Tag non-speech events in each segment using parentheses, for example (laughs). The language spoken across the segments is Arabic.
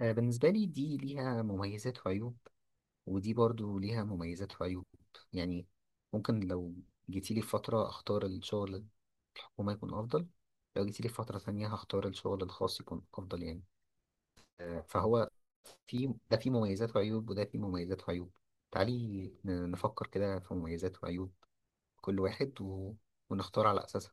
بالنسبة لي دي ليها مميزات وعيوب، ودي برضو ليها مميزات وعيوب. يعني ممكن لو جيتيلي في فترة أختار الشغل الحكومي يكون أفضل، لو جيتيلي في فترة تانية هختار الشغل الخاص يكون أفضل. يعني فهو في ده فيه مميزات وعيوب وده فيه مميزات وعيوب. تعالي نفكر كده في مميزات وعيوب كل واحد ونختار على أساسها.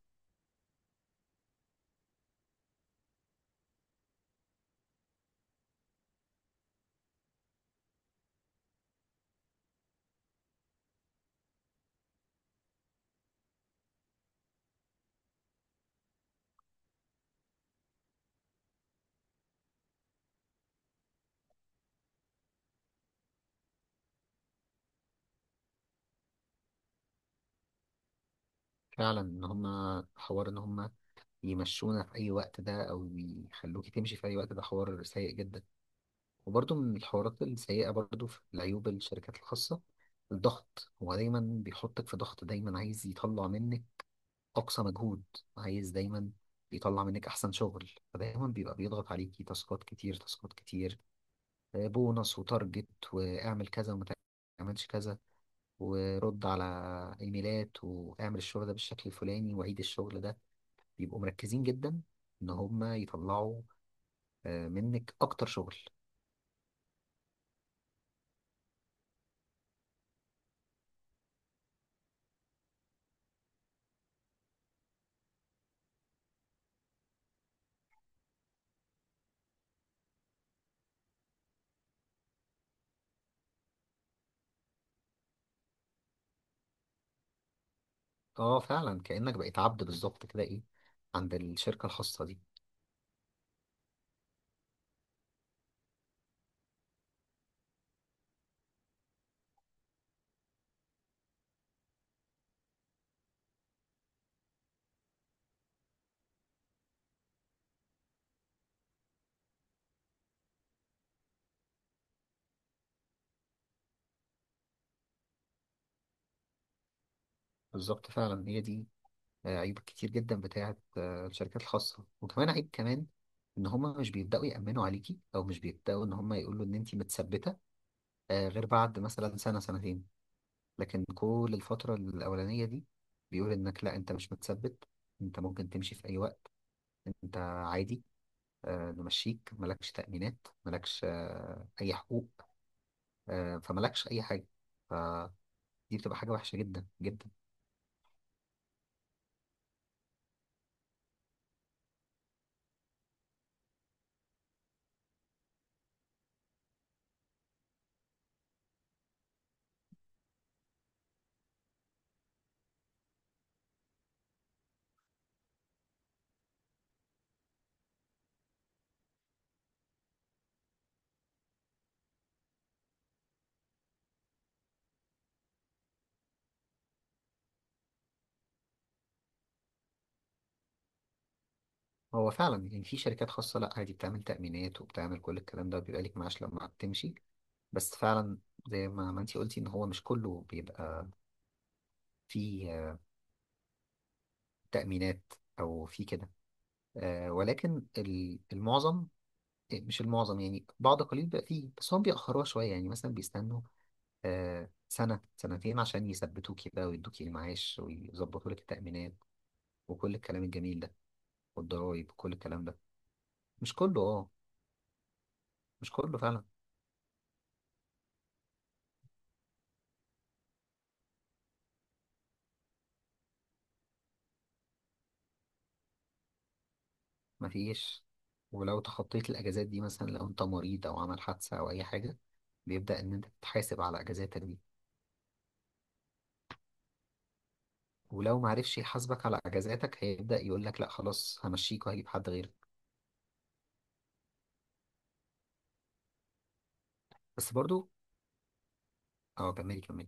فعلا إن هما حوار، إن هما يمشونا في أي وقت ده أو يخلوكي تمشي في أي وقت، ده حوار سيء جدا. وبرضه من الحوارات السيئة برضه في العيوب الشركات الخاصة، الضغط. هو دايما بيحطك في ضغط، دايما عايز يطلع منك أقصى مجهود، عايز دايما يطلع منك أحسن شغل. فدايما بيبقى بيضغط عليكي، تاسكات كتير تاسكات كتير، بونص وتارجت، واعمل كذا وما تعملش كذا، ورد على إيميلات، واعمل الشغل ده بالشكل الفلاني وعيد الشغل ده. بيبقوا مركزين جدا إن هما يطلعوا منك أكتر شغل. اه فعلا، كأنك بقيت عبد بالظبط كده، ايه، عند الشركة الخاصة دي. بالظبط، فعلا هي دي عيوب كتير جدا بتاعت الشركات الخاصة. وكمان عيب كمان، ان هما مش بيبدأوا يأمنوا عليكي، او مش بيبدأوا ان هما يقولوا ان انتي متثبتة غير بعد مثلا سنة أو 2 سنين. لكن كل الفترة الأولانية دي بيقول انك لا، انت مش متثبت، انت ممكن تمشي في اي وقت، انت عادي نمشيك، ملكش تأمينات، ملكش اي حقوق فملكش اي حاجة. دي بتبقى حاجة وحشة جدا جدا. هو فعلا يعني في شركات خاصة لا، عادي بتعمل تأمينات وبتعمل كل الكلام ده، بيبقى ليك معاش لما بتمشي. بس فعلا زي ما انتي قلتي ان هو مش كله بيبقى فيه تأمينات او فيه كده ولكن المعظم. إيه، مش المعظم يعني، بعض قليل بقى فيه، بس هم بيأخروها شوية، يعني مثلا بيستنوا سنة أو 2 سنين عشان يثبتوكي بقى ويدوكي المعاش ويظبطوا لك التأمينات وكل الكلام الجميل ده والضرايب وكل الكلام ده. مش كله، اه، مش كله فعلا. مفيش. ولو تخطيت الأجازات دي مثلا، لو أنت مريض أو عمل حادثة أو أي حاجة، بيبدأ إن أنت تتحاسب على أجازاتك دي. ولو معرفش يحاسبك على أجازاتك، هيبدأ يقول لك لأ خلاص، همشيك وهجيب حد غيرك. بس برضو، أه كملي كملي.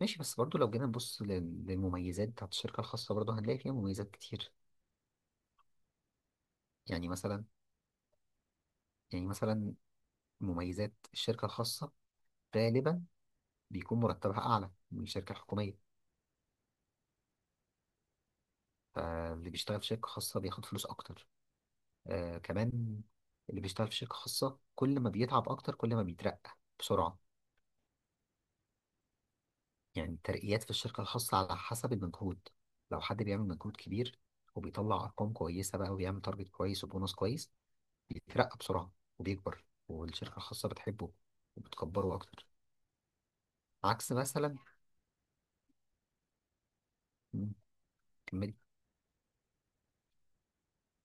ماشي، بس برضو لو جينا نبص للمميزات بتاعت الشركة الخاصة، برضو هنلاقي فيها مميزات كتير. يعني مثلا، يعني مثلا مميزات الشركة الخاصة غالبا بيكون مرتبها أعلى من الشركة الحكومية، فاللي بيشتغل في شركة خاصة بياخد فلوس أكتر. آه كمان، اللي بيشتغل في شركة خاصة كل ما بيتعب أكتر كل ما بيترقى بسرعة. يعني الترقيات في الشركة الخاصة على حسب المجهود، لو حد بيعمل مجهود كبير وبيطلع أرقام كويسة بقى وبيعمل تارجت كويس وبونص كويس بيترقى بسرعة وبيكبر، والشركة الخاصة بتحبه وبتكبره أكتر. عكس مثلا، مم، كملي.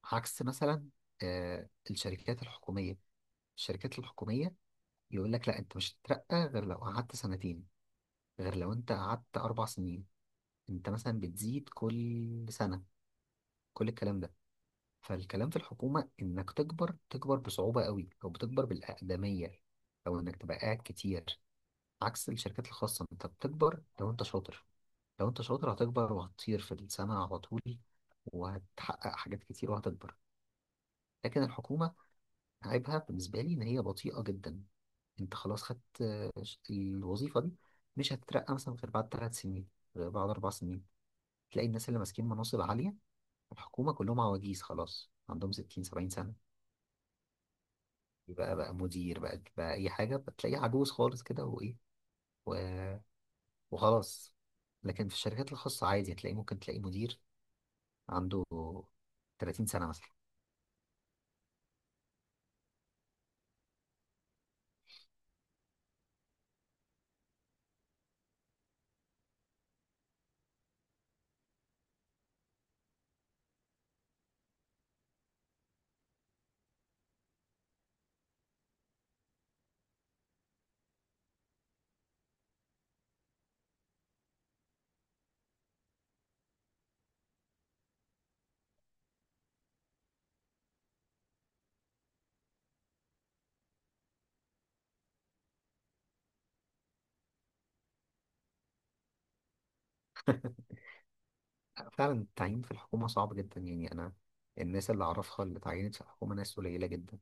عكس مثلا الشركات الحكومية، الشركات الحكومية يقول لك لا أنت مش هتترقى غير لو قعدت 2 سنين، غير لو أنت قعدت 4 سنين، انت مثلا بتزيد كل سنة كل الكلام ده. فالكلام في الحكومة انك تكبر تكبر بصعوبة قوي، او بتكبر بالأقدمية، او انك تبقى قاعد كتير. عكس الشركات الخاصة، انت بتكبر لو انت شاطر، لو انت شاطر هتكبر وهتطير في السماء على طول، وهتحقق حاجات كتير وهتكبر. لكن الحكومة، عيبها بالنسبة لي ان هي بطيئة جدا. انت خلاص خدت الوظيفة دي، مش هتترقى مثلا غير بعد 3 سنين، غير بعد 4 سنين. تلاقي الناس اللي ماسكين مناصب عالية الحكومة كلهم عواجيز خلاص، عندهم 60 70 سنة. يبقى بقى مدير، بقى بقى أي حاجة، بتلاقيه عجوز خالص كده، وإيه و... وخلاص. لكن في الشركات الخاصة عادي هتلاقي، ممكن تلاقي مدير عنده 30 سنة مثلا. (laughs) فعلا التعيين في الحكومة صعب جدا. يعني أنا الناس اللي أعرفها اللي اتعينت في الحكومة ناس قليلة جدا،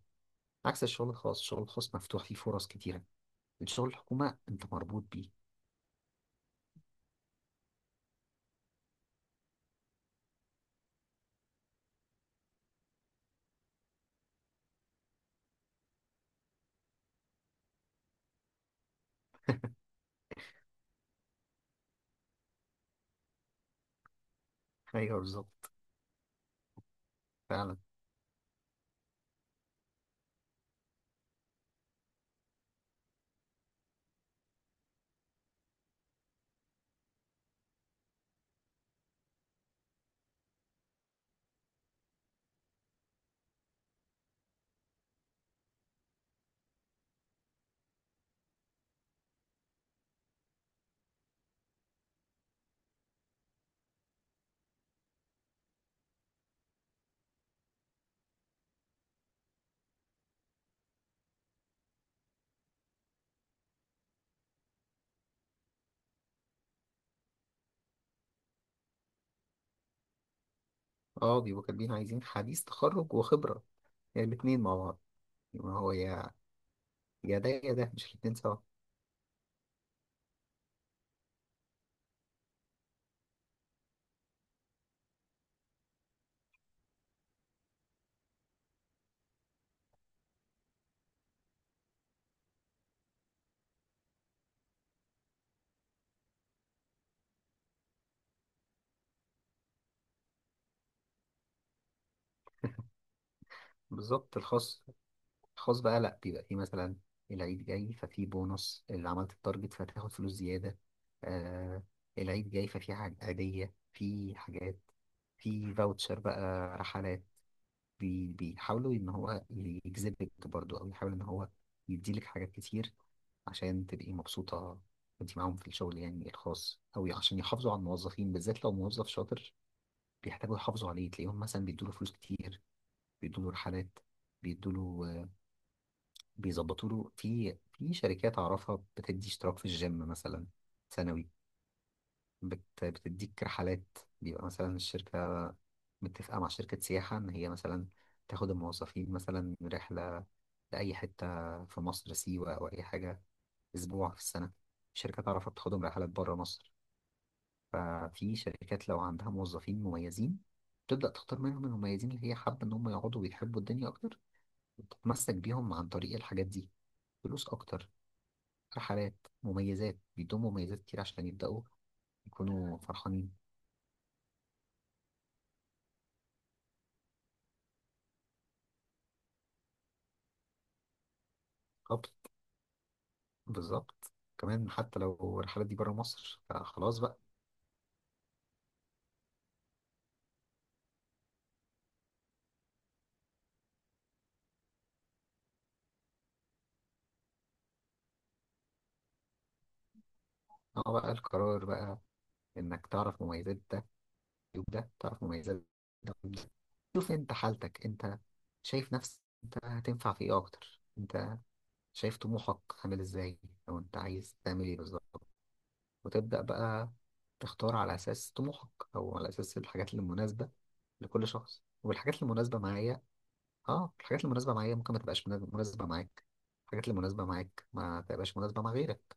عكس الشغل الخاص. الشغل الخاص مفتوح فيه فرص كتيرة، الشغل الحكومة أنت مربوط بيه. (laughs) أيوه بالظبط. فعلا، أه بيبقوا كاتبين عايزين حديث تخرج وخبرة، يعني الاتنين مع بعض. ما هو يا ده يا ده، مش الاتنين سوا. بالظبط، الخاص، بقى لا، بيبقى فيه مثلا العيد جاي ففي بونص، اللي عملت التارجت فتاخد فلوس زيادة. آه العيد جاي ففي حاجة عادية، في حاجات، في فاوتشر بقى، رحلات. بيحاولوا ان هو يجذبك برضو، او يحاول ان هو يديلك حاجات كتير عشان تبقي مبسوطة وانت معاهم في الشغل، يعني الخاص. او عشان يحافظوا على الموظفين، بالذات لو موظف شاطر بيحتاجوا يحافظوا عليه، تلاقيهم مثلا بيدوا له فلوس كتير، بيدوا له رحلات، بيدوا له، بيظبطوا له. في شركات اعرفها بتدي اشتراك في الجيم مثلا سنوي. بتديك رحلات، بيبقى مثلا الشركة متفقة مع شركة سياحة ان هي مثلا تاخد الموظفين مثلا رحلة لأي حتة في مصر، سيوة أو أي حاجة، أسبوع في السنة. شركات تعرف تاخدهم رحلات بره مصر. ففي شركات لو عندها موظفين مميزين، تبدأ تختار منهم المميزين اللي هي حابة إن هم يقعدوا ويحبوا الدنيا أكتر، تتمسك بيهم عن طريق الحاجات دي، فلوس أكتر، رحلات، مميزات، بيدوم مميزات كتير عشان يبدأوا يكونوا فرحانين. طب بالظبط، كمان حتى لو الرحلات دي بره مصر فخلاص بقى. اه بقى القرار بقى، إنك تعرف مميزات ده عيوب ده، تعرف مميزات ده عيوب ده، شوف أنت حالتك أنت، شايف نفسك أنت هتنفع في إيه أكتر، أنت شايف طموحك عامل إزاي، أو أنت عايز تعمل إيه بالظبط. وتبدأ بقى تختار على أساس طموحك، أو على أساس الحاجات المناسبة لكل شخص. والحاجات المناسبة معايا، اه الحاجات المناسبة معايا ممكن ما تبقاش مناسبة معاك، الحاجات المناسبة معاك ما تبقاش مناسبة مع غيرك.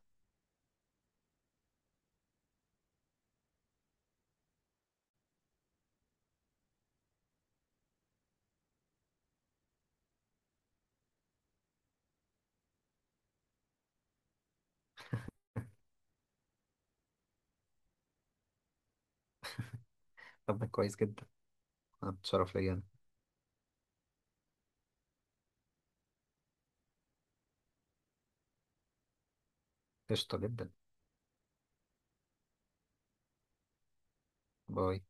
طب ده كويس جدا، أنا متشرف ليا أنا. قشطة جدا. باي.